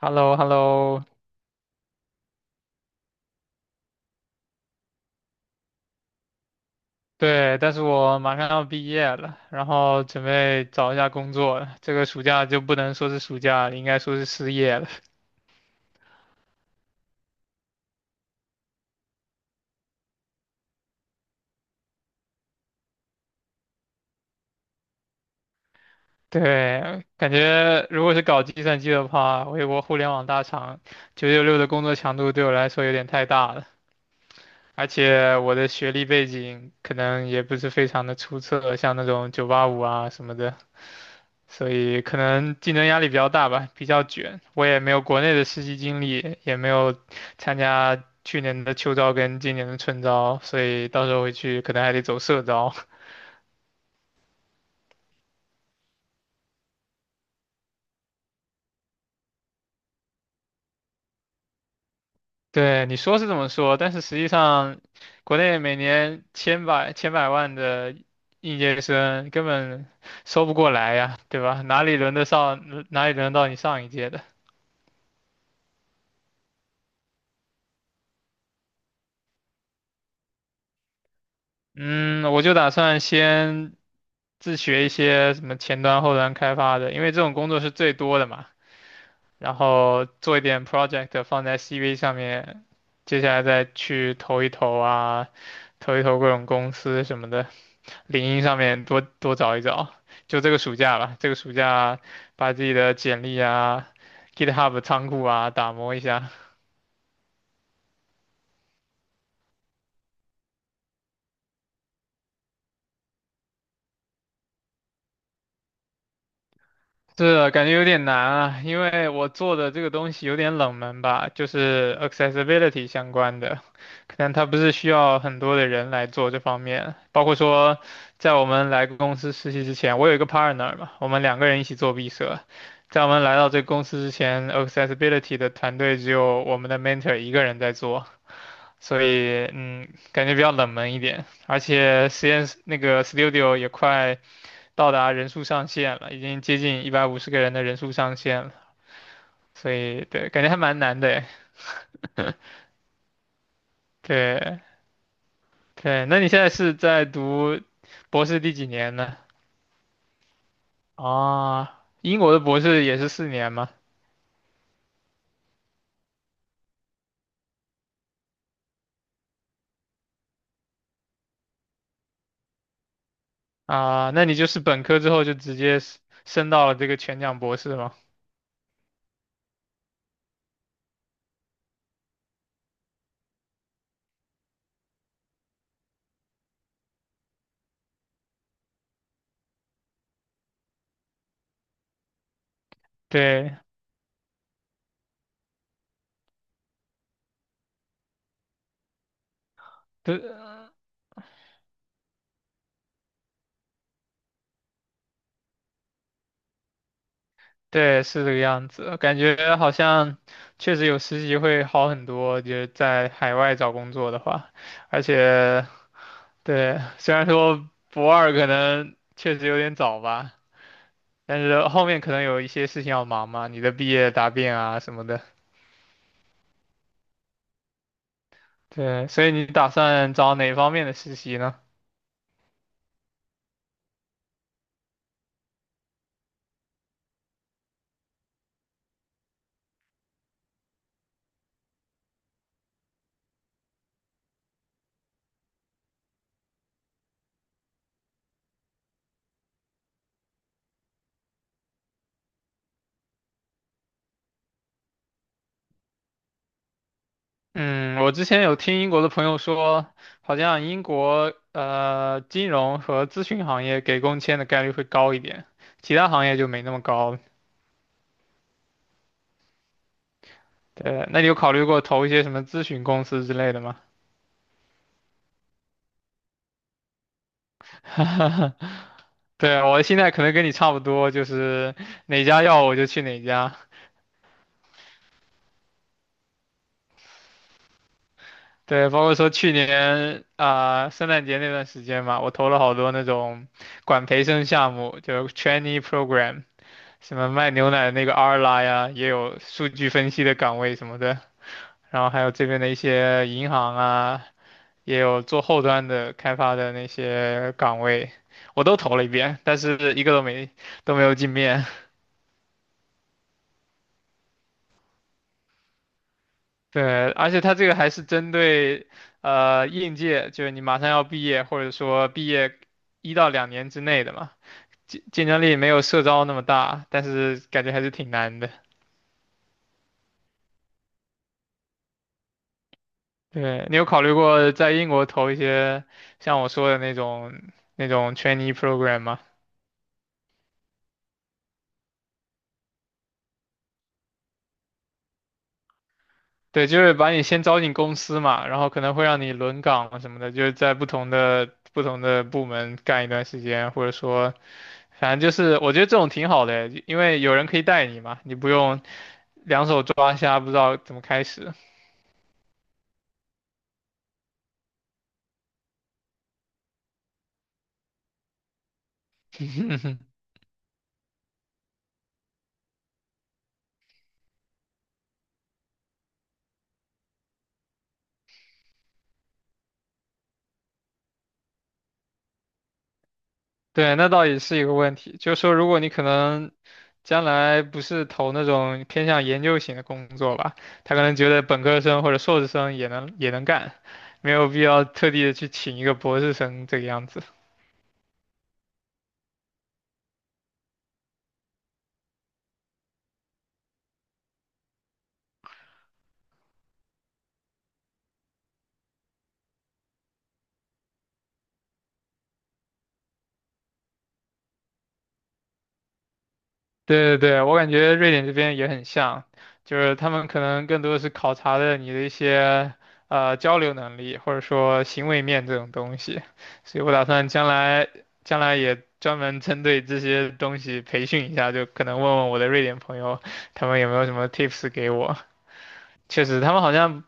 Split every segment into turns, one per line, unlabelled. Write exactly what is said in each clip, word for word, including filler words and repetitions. h e l l o h e l l o 对，但是我马上要毕业了，然后准备找一下工作了，这个暑假就不能说是暑假了，应该说是失业了。对，感觉如果是搞计算机的话，微博互联网大厂九九六的工作强度对我来说有点太大了，而且我的学历背景可能也不是非常的出色，像那种九八五啊什么的。所以可能竞争压力比较大吧，比较卷。我也没有国内的实习经历，也没有参加去年的秋招跟今年的春招，所以到时候回去可能还得走社招。对，你说是这么说，但是实际上，国内每年千百千百万的应届生根本收不过来呀，对吧？哪里轮得上，哪里轮得到你上一届的？嗯，我就打算先自学一些什么前端、后端开发的，因为这种工作是最多的嘛。然后做一点 project 放在 C V 上面，接下来再去投一投啊，投一投各种公司什么的，领英上面多多找一找。就这个暑假吧，这个暑假把自己的简历啊、GitHub 仓库啊打磨一下。是的，感觉有点难啊，因为我做的这个东西有点冷门吧，就是 accessibility 相关的，可能它不是需要很多的人来做这方面，包括说在我们来公司实习之前，我有一个 partner 嘛，我们两个人一起做毕设，在我们来到这个公司之前，accessibility 的团队只有我们的 mentor 一个人在做，所以嗯，感觉比较冷门一点，而且实验室那个 studio 也快。到达人数上限了，已经接近一百五十个人的人数上限了，所以对，感觉还蛮难的诶。对对，那你现在是在读博士第几年呢？啊，英国的博士也是四年吗？啊，那你就是本科之后就直接是升到了这个全奖博士吗？对对对，是这个样子，感觉好像确实有实习会好很多，就是在海外找工作的话，而且对，虽然说博二可能确实有点早吧，但是后面可能有一些事情要忙嘛，你的毕业答辩啊什么的。对，所以你打算找哪方面的实习呢？嗯，我之前有听英国的朋友说，好像英国呃金融和咨询行业给工签的概率会高一点，其他行业就没那么高。对，那你有考虑过投一些什么咨询公司之类的吗？对，我现在可能跟你差不多，就是哪家要我就去哪家。对，包括说去年啊、圣诞节那段时间嘛，我投了好多那种管培生项目，就是 trainee program，什么卖牛奶的那个 Arla 呀，也有数据分析的岗位什么的，然后还有这边的一些银行啊，也有做后端的开发的那些岗位，我都投了一遍，但是一个都没都没有进面。对，而且它这个还是针对呃应届，就是你马上要毕业，或者说毕业一到两年之内的嘛。竞竞争力没有社招那么大，但是感觉还是挺难的。对，你有考虑过在英国投一些像我说的那种那种 trainee program 吗？对，就是把你先招进公司嘛，然后可能会让你轮岗什么的，就是在不同的不同的部门干一段时间，或者说，反正就是我觉得这种挺好的，因为有人可以带你嘛，你不用两手抓瞎，不知道怎么开始。对，那倒也是一个问题。就是说，如果你可能将来不是投那种偏向研究型的工作吧，他可能觉得本科生或者硕士生也能也能干，没有必要特地的去请一个博士生这个样子。对对对，我感觉瑞典这边也很像，就是他们可能更多的是考察的你的一些呃交流能力，或者说行为面这种东西，所以我打算将来将来也专门针对这些东西培训一下，就可能问问我的瑞典朋友，他们有没有什么 tips 给我。确实，他们好像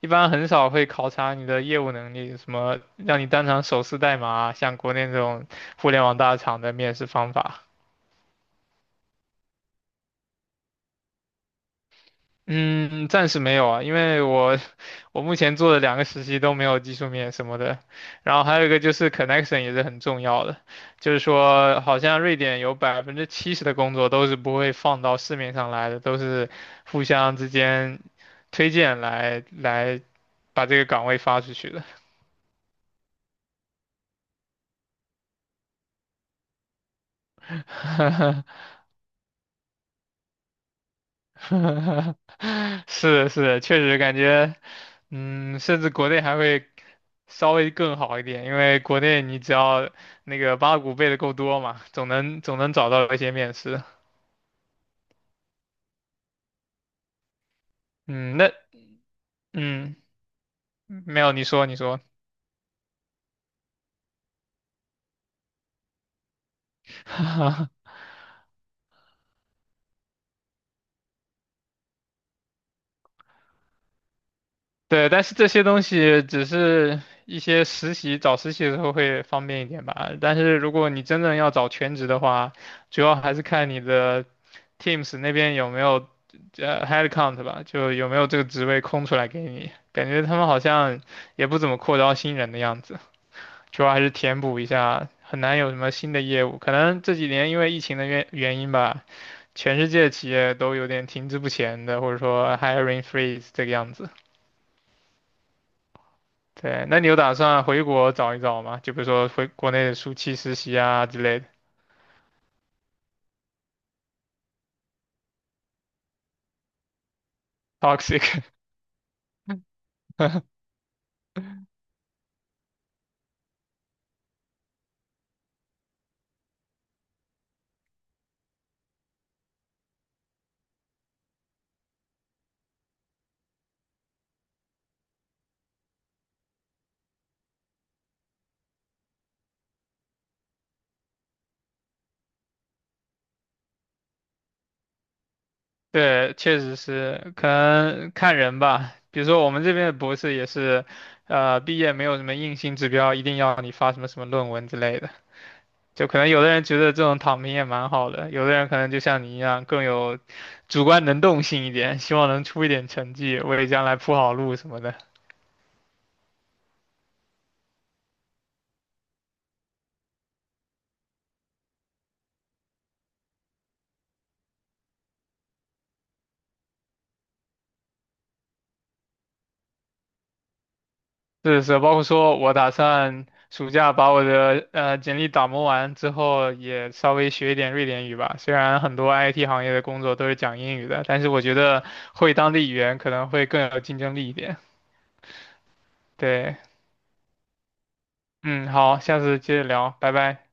一般很少会考察你的业务能力，什么让你当场手撕代码啊像国内这种互联网大厂的面试方法。嗯，暂时没有啊，因为我 我目前做的两个实习都没有技术面什么的，然后还有一个就是 connection 也是很重要的，就是说好像瑞典有百分之七十的工作都是不会放到市面上来的，都是互相之间推荐来来把这个岗位发出去的。是是，确实感觉，嗯，甚至国内还会稍微更好一点，因为国内你只要那个八股背的够多嘛，总能总能找到一些面试。嗯，那嗯，没有，你说你说，对，但是这些东西只是一些实习，找实习的时候会方便一点吧。但是如果你真正要找全职的话，主要还是看你的 Teams 那边有没有呃 headcount 吧，就有没有这个职位空出来给你。感觉他们好像也不怎么扩招新人的样子，主要还是填补一下，很难有什么新的业务。可能这几年因为疫情的原原因吧，全世界企业都有点停滞不前的，或者说 hiring freeze 这个样子。对，那你有打算回国找一找吗？就比如说回国内暑期实习啊之类的，toxic。对，确实是，可能看人吧。比如说我们这边的博士也是，呃，毕业没有什么硬性指标，一定要你发什么什么论文之类的。就可能有的人觉得这种躺平也蛮好的，有的人可能就像你一样更有主观能动性一点，希望能出一点成绩，为将来铺好路什么的。是是，包括说我打算暑假把我的呃简历打磨完之后，也稍微学一点瑞典语吧。虽然很多 I T 行业的工作都是讲英语的，但是我觉得会当地语言可能会更有竞争力一点。对，嗯，好，下次接着聊，拜拜。